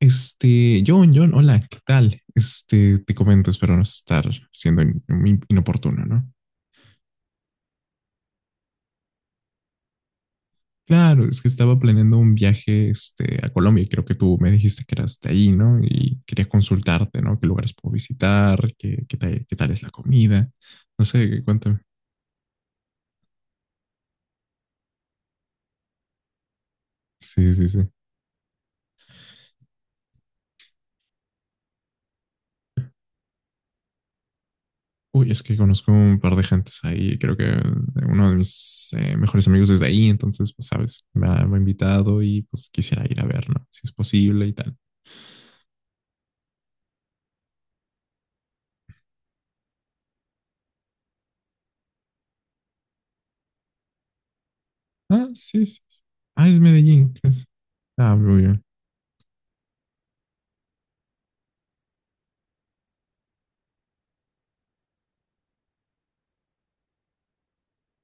John, John, hola, ¿qué tal? Te comento, espero no estar siendo inoportuno, ¿no? Claro, es que estaba planeando un viaje, a Colombia y creo que tú me dijiste que eras de ahí, ¿no? Y quería consultarte, ¿no? ¿Qué lugares puedo visitar? ¿Qué tal es la comida? No sé, cuéntame. Sí, sí, sí. Uy, es que conozco un par de gentes ahí, creo que uno de mis mejores amigos desde ahí, entonces, pues, sabes, me ha invitado y pues quisiera ir a ver, ¿no? Si es posible y tal. Ah, sí, sí. Sí. Ah, es Medellín, ¿crees? Ah, muy bien.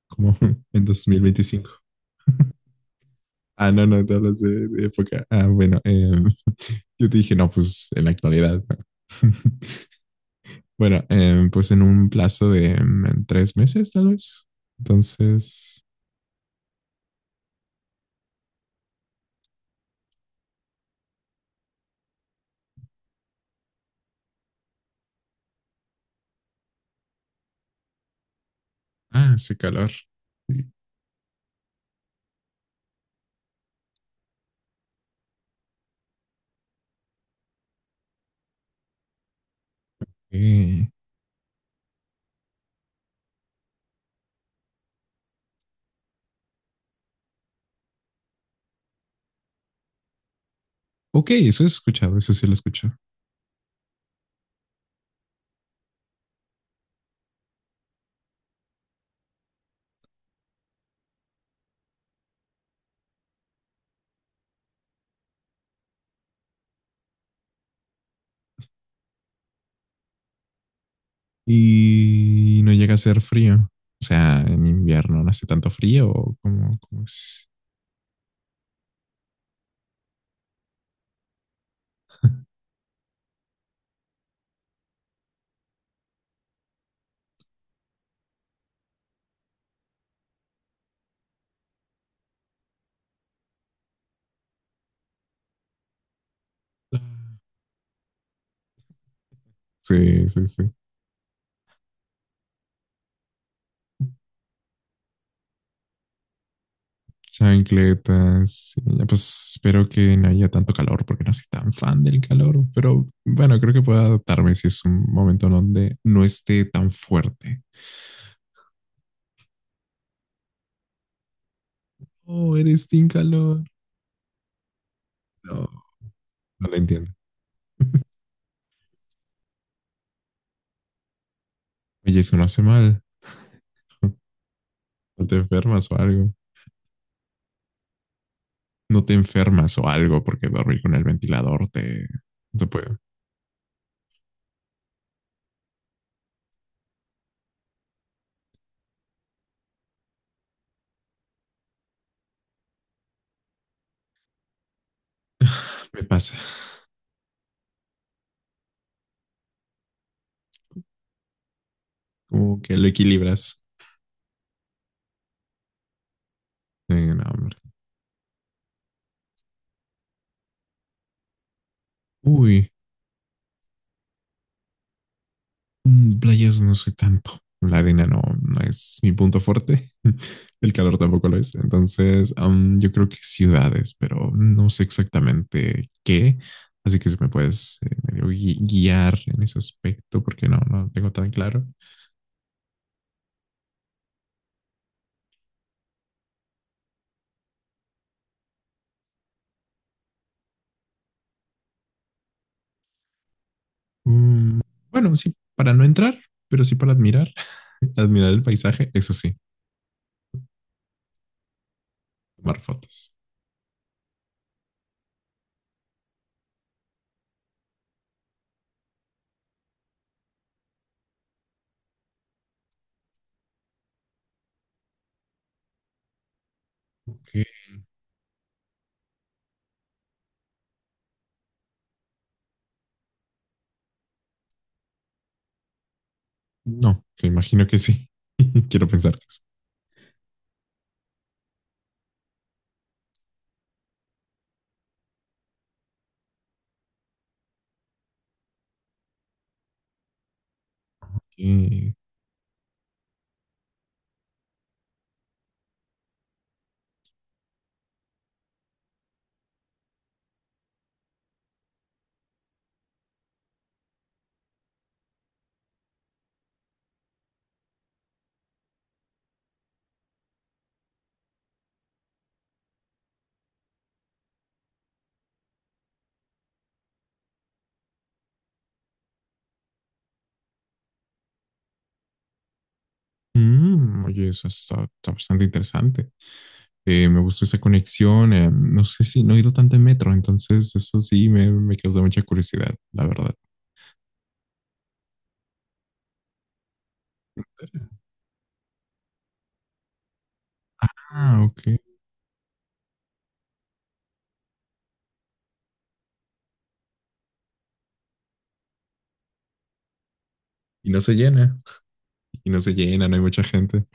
Como en 2025. Ah, no, no, te hablas de época. Ah, bueno, yo te dije, no, pues en la actualidad, ¿no? Bueno, pues en un plazo de en 3 meses, tal vez. Entonces, ah, hace calor. Eh, ok, eso he escuchado, eso sí lo escucho. Y no llega a ser frío. O sea, en invierno no hace tanto frío o como es. Sí, sí, sí. Chancletas. Sí, ya. Pues espero que no haya tanto calor porque no soy tan fan del calor. Pero bueno, creo que puedo adaptarme si es un momento donde no esté tan fuerte. Oh, eres team calor. No, no lo entiendo. Oye, eso no hace mal. No te enfermas o algo. No te enfermas o algo porque dormir con el ventilador te, no te puede. Me pasa. Como que lo equilibras. No, hombre. Uy, playas no soy tanto. La arena no, no es mi punto fuerte. El calor tampoco lo es. Entonces, yo creo que ciudades, pero no sé exactamente qué. Así que si me puedes medio guiar en ese aspecto, porque no, no tengo tan claro. Mm, bueno, sí, para no entrar, pero sí para admirar. Admirar el paisaje, eso sí. Tomar fotos. Ok, no, te imagino que sí. Quiero pensar que sí. Ok. Oye, eso está bastante interesante. Me gustó esa conexión. No sé si no he ido tanto en metro, entonces eso sí me causa mucha curiosidad, la verdad. Ah, ok. Y no se llena. Y no se llena, no hay mucha gente.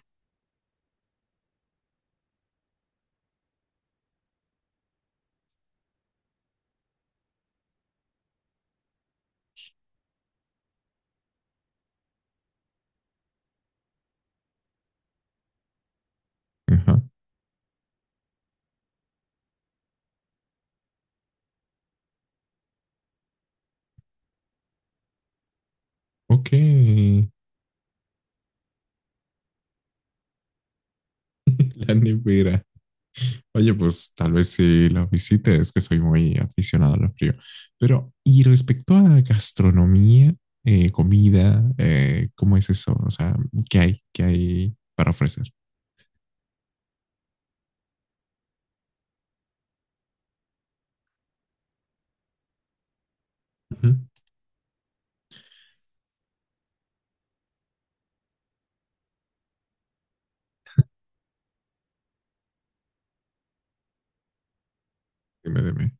Ajá. Ok. La nevera. Oye, pues tal vez si la visite, es que soy muy aficionado al frío. Pero, y respecto a gastronomía, comida, ¿cómo es eso? O sea, ¿qué hay? ¿Qué hay para ofrecer? Ujú. Dime, dime.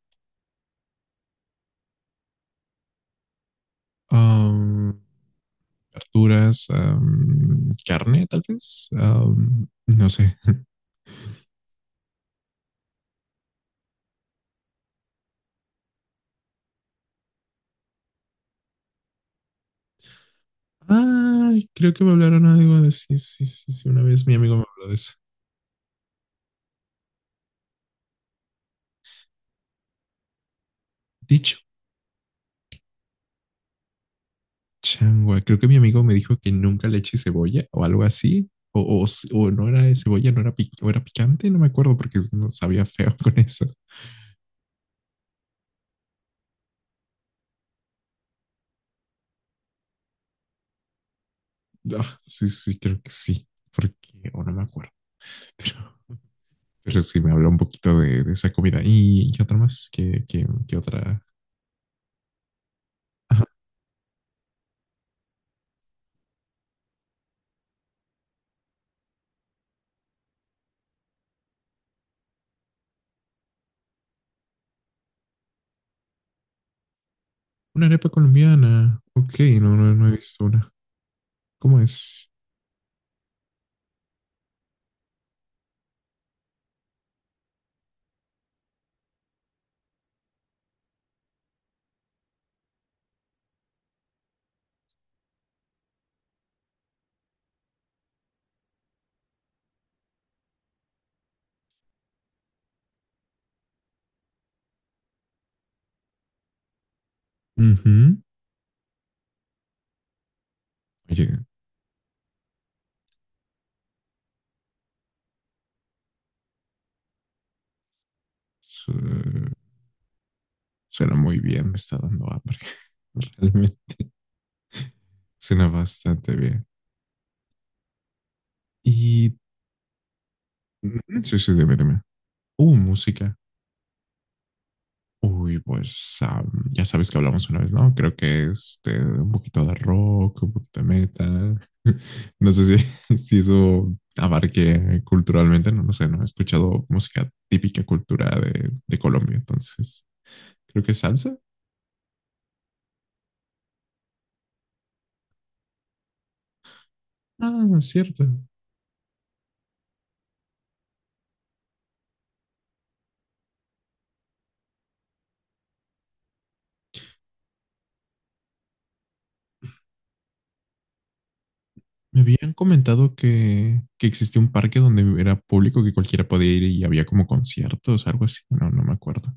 Ah, verduras, carne, tal vez. No sé. Ah, creo que me hablaron algo de sí, sí, sí, sí. Una vez mi amigo me habló de eso. Dicho, changua, creo que mi amigo me dijo que nunca le eche cebolla o algo así. O, o no era de cebolla, no era, o era picante, no me acuerdo porque no sabía feo con eso. Ah, sí, sí, creo que sí. Porque, o no me acuerdo, pero, pero sí me habló un poquito de esa comida. ¿Y qué otra más? ¿Qué otra? Una arepa colombiana. Ok, no, no, no he visto una. ¿Cómo es? Ujú. Oye, su- suena muy bien, me está dando hambre. Realmente. Suena bastante bien. Y sí, sí, debe. Música. Uy, pues ya sabes que hablamos una vez, ¿no? Creo que un poquito de rock, un poquito de metal. No sé si, si eso abarque culturalmente, no, no sé, no he escuchado música típica cultura de Colombia, entonces creo que salsa. Ah, es cierto. Me habían comentado que existía un parque donde era público que cualquiera podía ir y había como conciertos, algo así. No, no me acuerdo.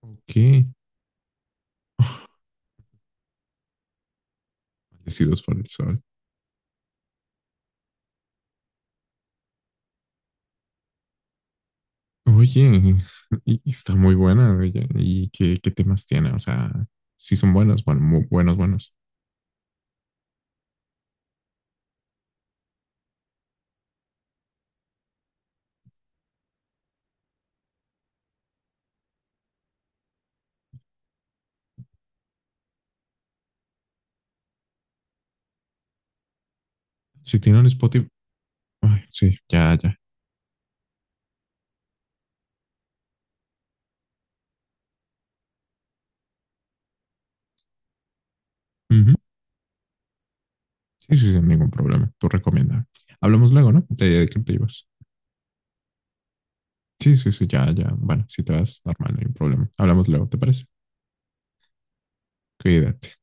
Ok. Bendecidos por el sol. Oye, y está muy buena, oye, ¿y qué temas tiene? O sea, sí son buenos, bueno, muy buenos, buenos. Si tienen Spotify, ay, sí, ya, ya. Ujú. Sí, sí, sin ningún problema. Tú recomienda. Hablamos luego, ¿no? De qué te ibas. Sí, sí, sí, ya, ya. Bueno, si te vas, normal, no hay problema. Hablamos luego, ¿te parece? Cuídate.